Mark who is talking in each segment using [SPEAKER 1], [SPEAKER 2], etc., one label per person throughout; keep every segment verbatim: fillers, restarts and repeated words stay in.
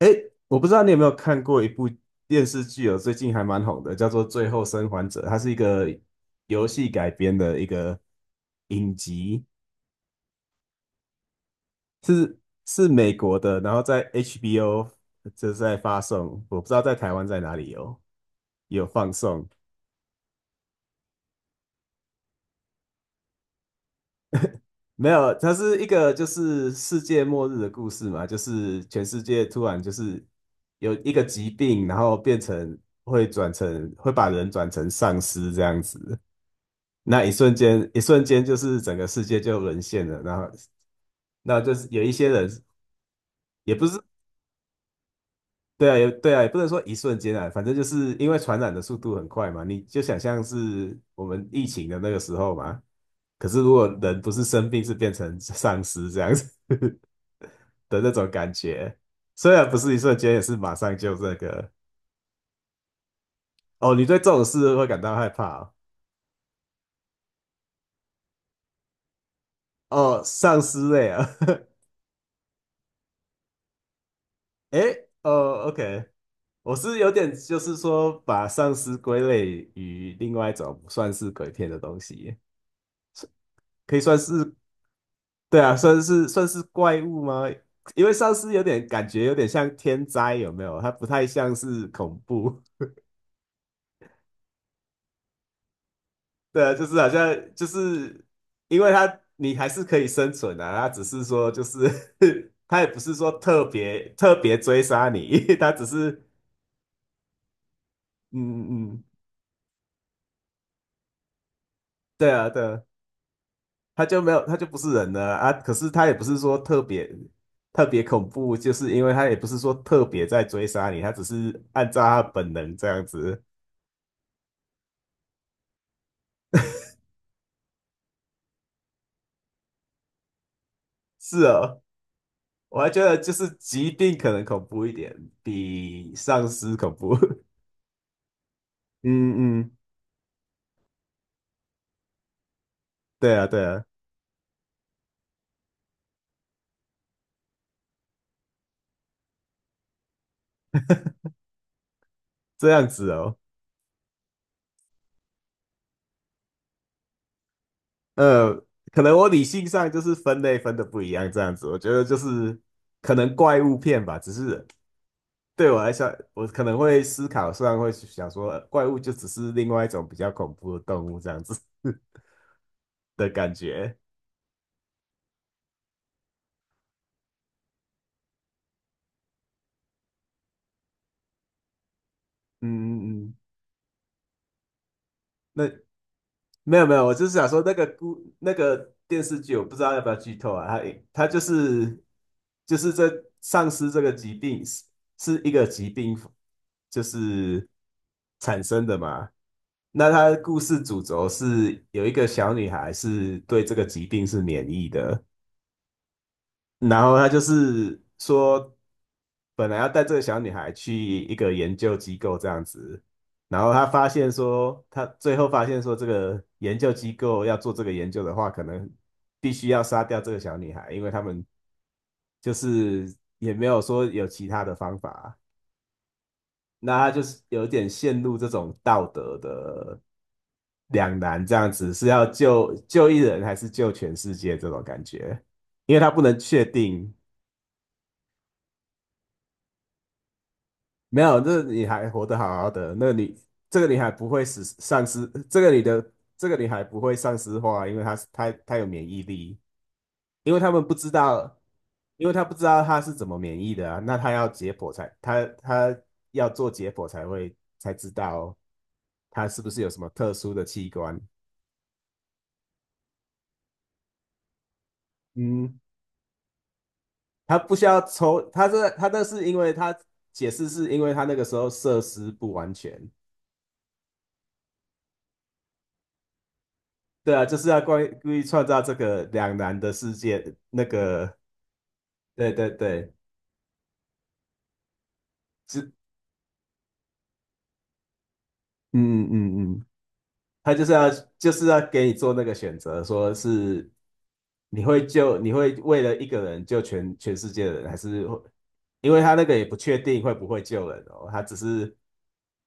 [SPEAKER 1] 诶，我不知道你有没有看过一部电视剧哦，最近还蛮红的，叫做《最后生还者》，它是一个游戏改编的一个影集，是是美国的，然后在 H B O 就是在发送，我不知道在台湾在哪里有有放送。没有，它是一个就是世界末日的故事嘛，就是全世界突然就是有一个疾病，然后变成会转成会把人转成丧尸这样子。那一瞬间，一瞬间就是整个世界就沦陷了。然后，那就是有一些人，也不是，对啊，也对啊，也不能说一瞬间啊，反正就是因为传染的速度很快嘛，你就想象是我们疫情的那个时候嘛。可是如果人不是生病，是变成丧尸这样子的那种感觉，虽然不是一瞬间，也是马上就这个。哦，你对这种事会感到害怕哦？哦，丧尸类啊，诶，哦，OK,我是有点就是说把丧尸归类于另外一种不算是鬼片的东西，可以算是，对啊，算是算是怪物吗？因为丧尸有点感觉有点像天灾，有没有？它不太像是恐怖，对啊，就是好像就是因为它你还是可以生存啊，它只是说就是 它也不是说特别特别追杀你，它只是嗯嗯，嗯对啊对啊他就没有，他就不是人了啊。啊可是他也不是说特别特别恐怖，就是因为他也不是说特别在追杀你，他只是按照他本能这样子。是哦，我还觉得就是疾病可能恐怖一点，比丧尸恐怖。嗯嗯，对啊对啊，这样子哦。呃，可能我理性上就是分类分的不一样，这样子，我觉得就是可能怪物片吧，只是对我来说，我可能会思考，虽然会想说，呃怪物就只是另外一种比较恐怖的动物这样子 的感觉。嗯嗯嗯，那没有没有，我就是想说那个故那个电视剧，我不知道要不要剧透啊。它它就是就是这丧尸这个疾病是是一个疾病，就是产生的嘛。那它的故事主轴是有一个小女孩是对这个疾病是免疫的。然后他就是说，本来要带这个小女孩去一个研究机构这样子，然后他发现说，他最后发现说，这个研究机构要做这个研究的话，可能必须要杀掉这个小女孩，因为他们就是也没有说有其他的方法，那他就是有点陷入这种道德的两难，这样子是要救救一人还是救全世界这种感觉，因为他不能确定。没有，这女孩活得好好的，那你，女这个女孩不会死丧失这个女的这个女孩不会丧失化，因为她她她有免疫力，因为他们不知道，因为她不知道她是怎么免疫的啊，那她要解剖才，她她要做解剖才会才知道她是不是有什么特殊的器官。嗯，她不需要抽，她这她那是因为她解释是因为她那个时候设施不完全。对啊，就是要关故意创造这个两难的世界，那个对对对，是，嗯嗯嗯，他就是要就是要给你做那个选择，说是你会救，你会为了一个人救全全世界的人，还是会因为他那个也不确定会不会救人哦，他只是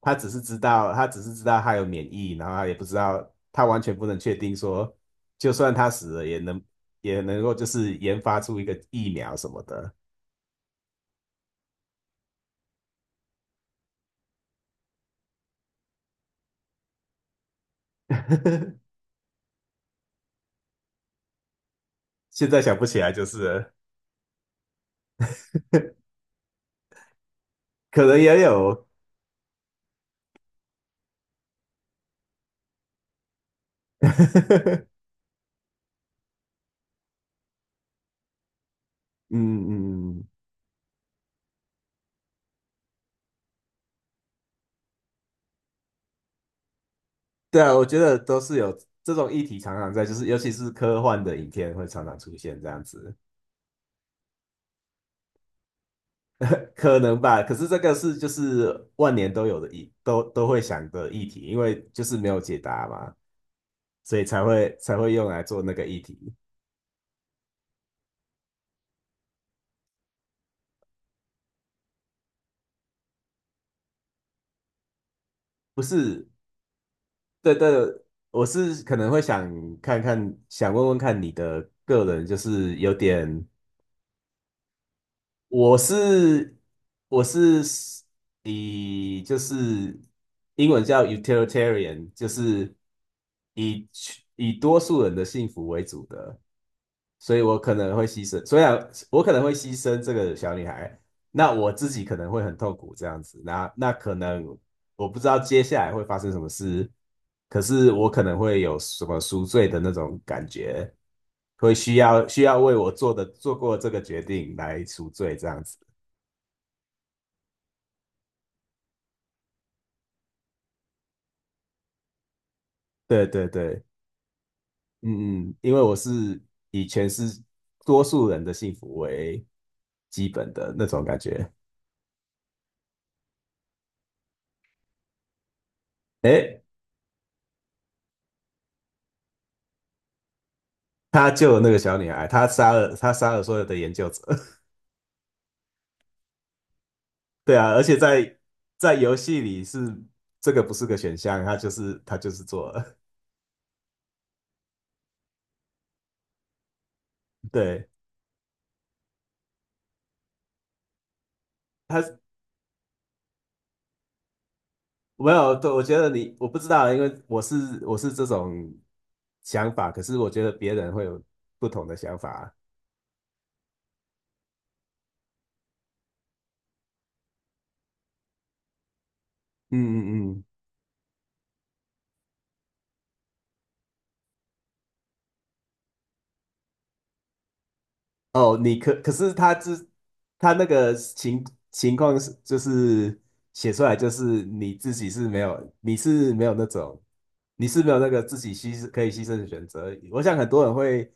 [SPEAKER 1] 他只是知道他只是知道他有免疫，然后他也不知道他完全不能确定说，就算他死了也能也能够就是研发出一个疫苗什么的，现在想不起来就是了 可能也有。嗯嗯嗯，对啊，我觉得都是有这种议题常常在，就是尤其是科幻的影片会常常出现这样子，可能吧。可是这个是就是万年都有的议，都都会想的议题，因为就是没有解答嘛，所以才会才会用来做那个议题。不是，对对，我是可能会想看看，想问问看你的个人，就是有点。我是我是以就是英文叫 utilitarian,就是以以多数人的幸福为主的，所以我可能会牺牲，虽然我可能会牺牲这个小女孩，那我自己可能会很痛苦这样子，那那可能我不知道接下来会发生什么事，可是我可能会有什么赎罪的那种感觉，会需要需要为我做的做过这个决定来赎罪这样子。对对对，嗯嗯，因为我是以全是多数人的幸福为基本的那种感觉。诶，他救了那个小女孩，他杀了他杀了所有的研究者。对啊，而且在在游戏里是这个不是个选项，他就是他就是做了。对，他没有，对，我觉得你我不知道，因为我是我是这种想法，可是我觉得别人会有不同的想法。嗯嗯嗯哦，你可可是他之他那个情情况是就是写出来就是你自己是没有，你是没有那种，你是没有那个自己牺可以牺牲的选择。我想很多人会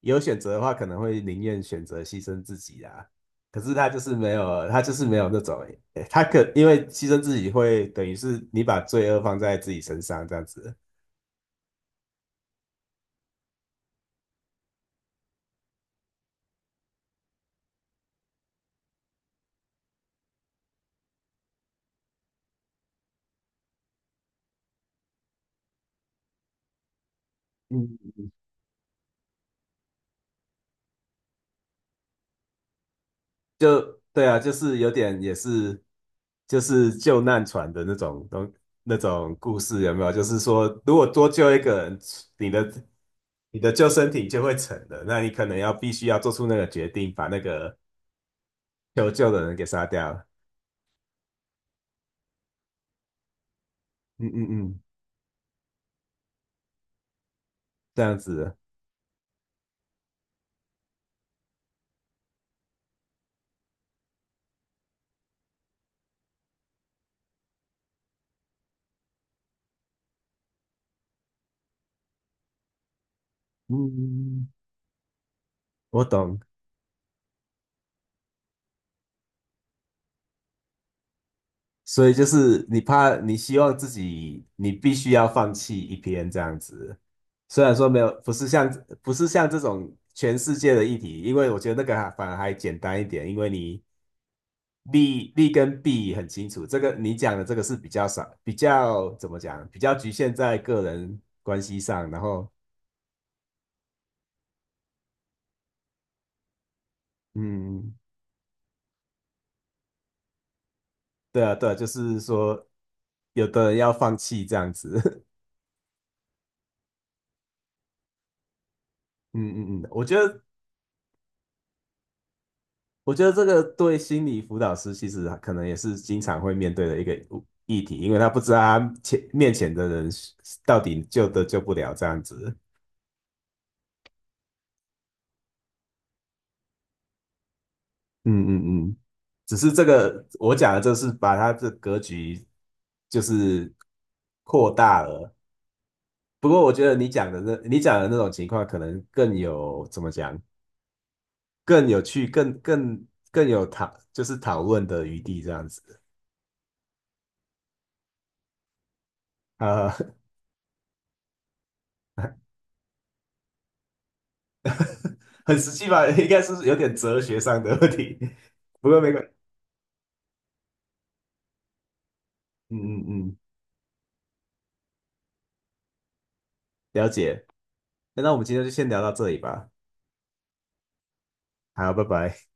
[SPEAKER 1] 有选择的话，可能会宁愿选择牺牲自己啊。可是他就是没有，他就是没有那种，诶他可因为牺牲自己会等于是你把罪恶放在自己身上这样子。嗯。就对啊，就是有点也是就是救难船的那种东那种故事，有没有？就是说，如果多救一个人，你的你的救生艇就会沉了，那你可能要必须要做出那个决定，把那个求救的人给杀掉。嗯嗯嗯，这样子，嗯，嗯嗯我懂。所以就是你怕，你希望自己，你必须要放弃一篇这样子。虽然说没有，不是像不是像这种全世界的议题，因为我觉得那个还反而还简单一点，因为你利利跟弊很清楚。这个你讲的这个是比较少，比较怎么讲，比较局限在个人关系上。然后，嗯，对啊，对啊，就是说有的人要放弃这样子。嗯嗯嗯，我觉得我觉得这个对心理辅导师其实可能也是经常会面对的一个议题，因为他不知道他前面前的人到底救得救不了这样子。嗯嗯嗯，只是这个我讲的，就是把他的格局就是扩大了。不过我觉得你讲的那你讲的那种情况，可能更有怎么讲，更有趣，更更更有讨就是讨论的余地这样子。啊、呃 很实际吧，应该是有点哲学上的问题，不过没关嗯嗯嗯，了解。那我们今天就先聊到这里吧，好，拜拜。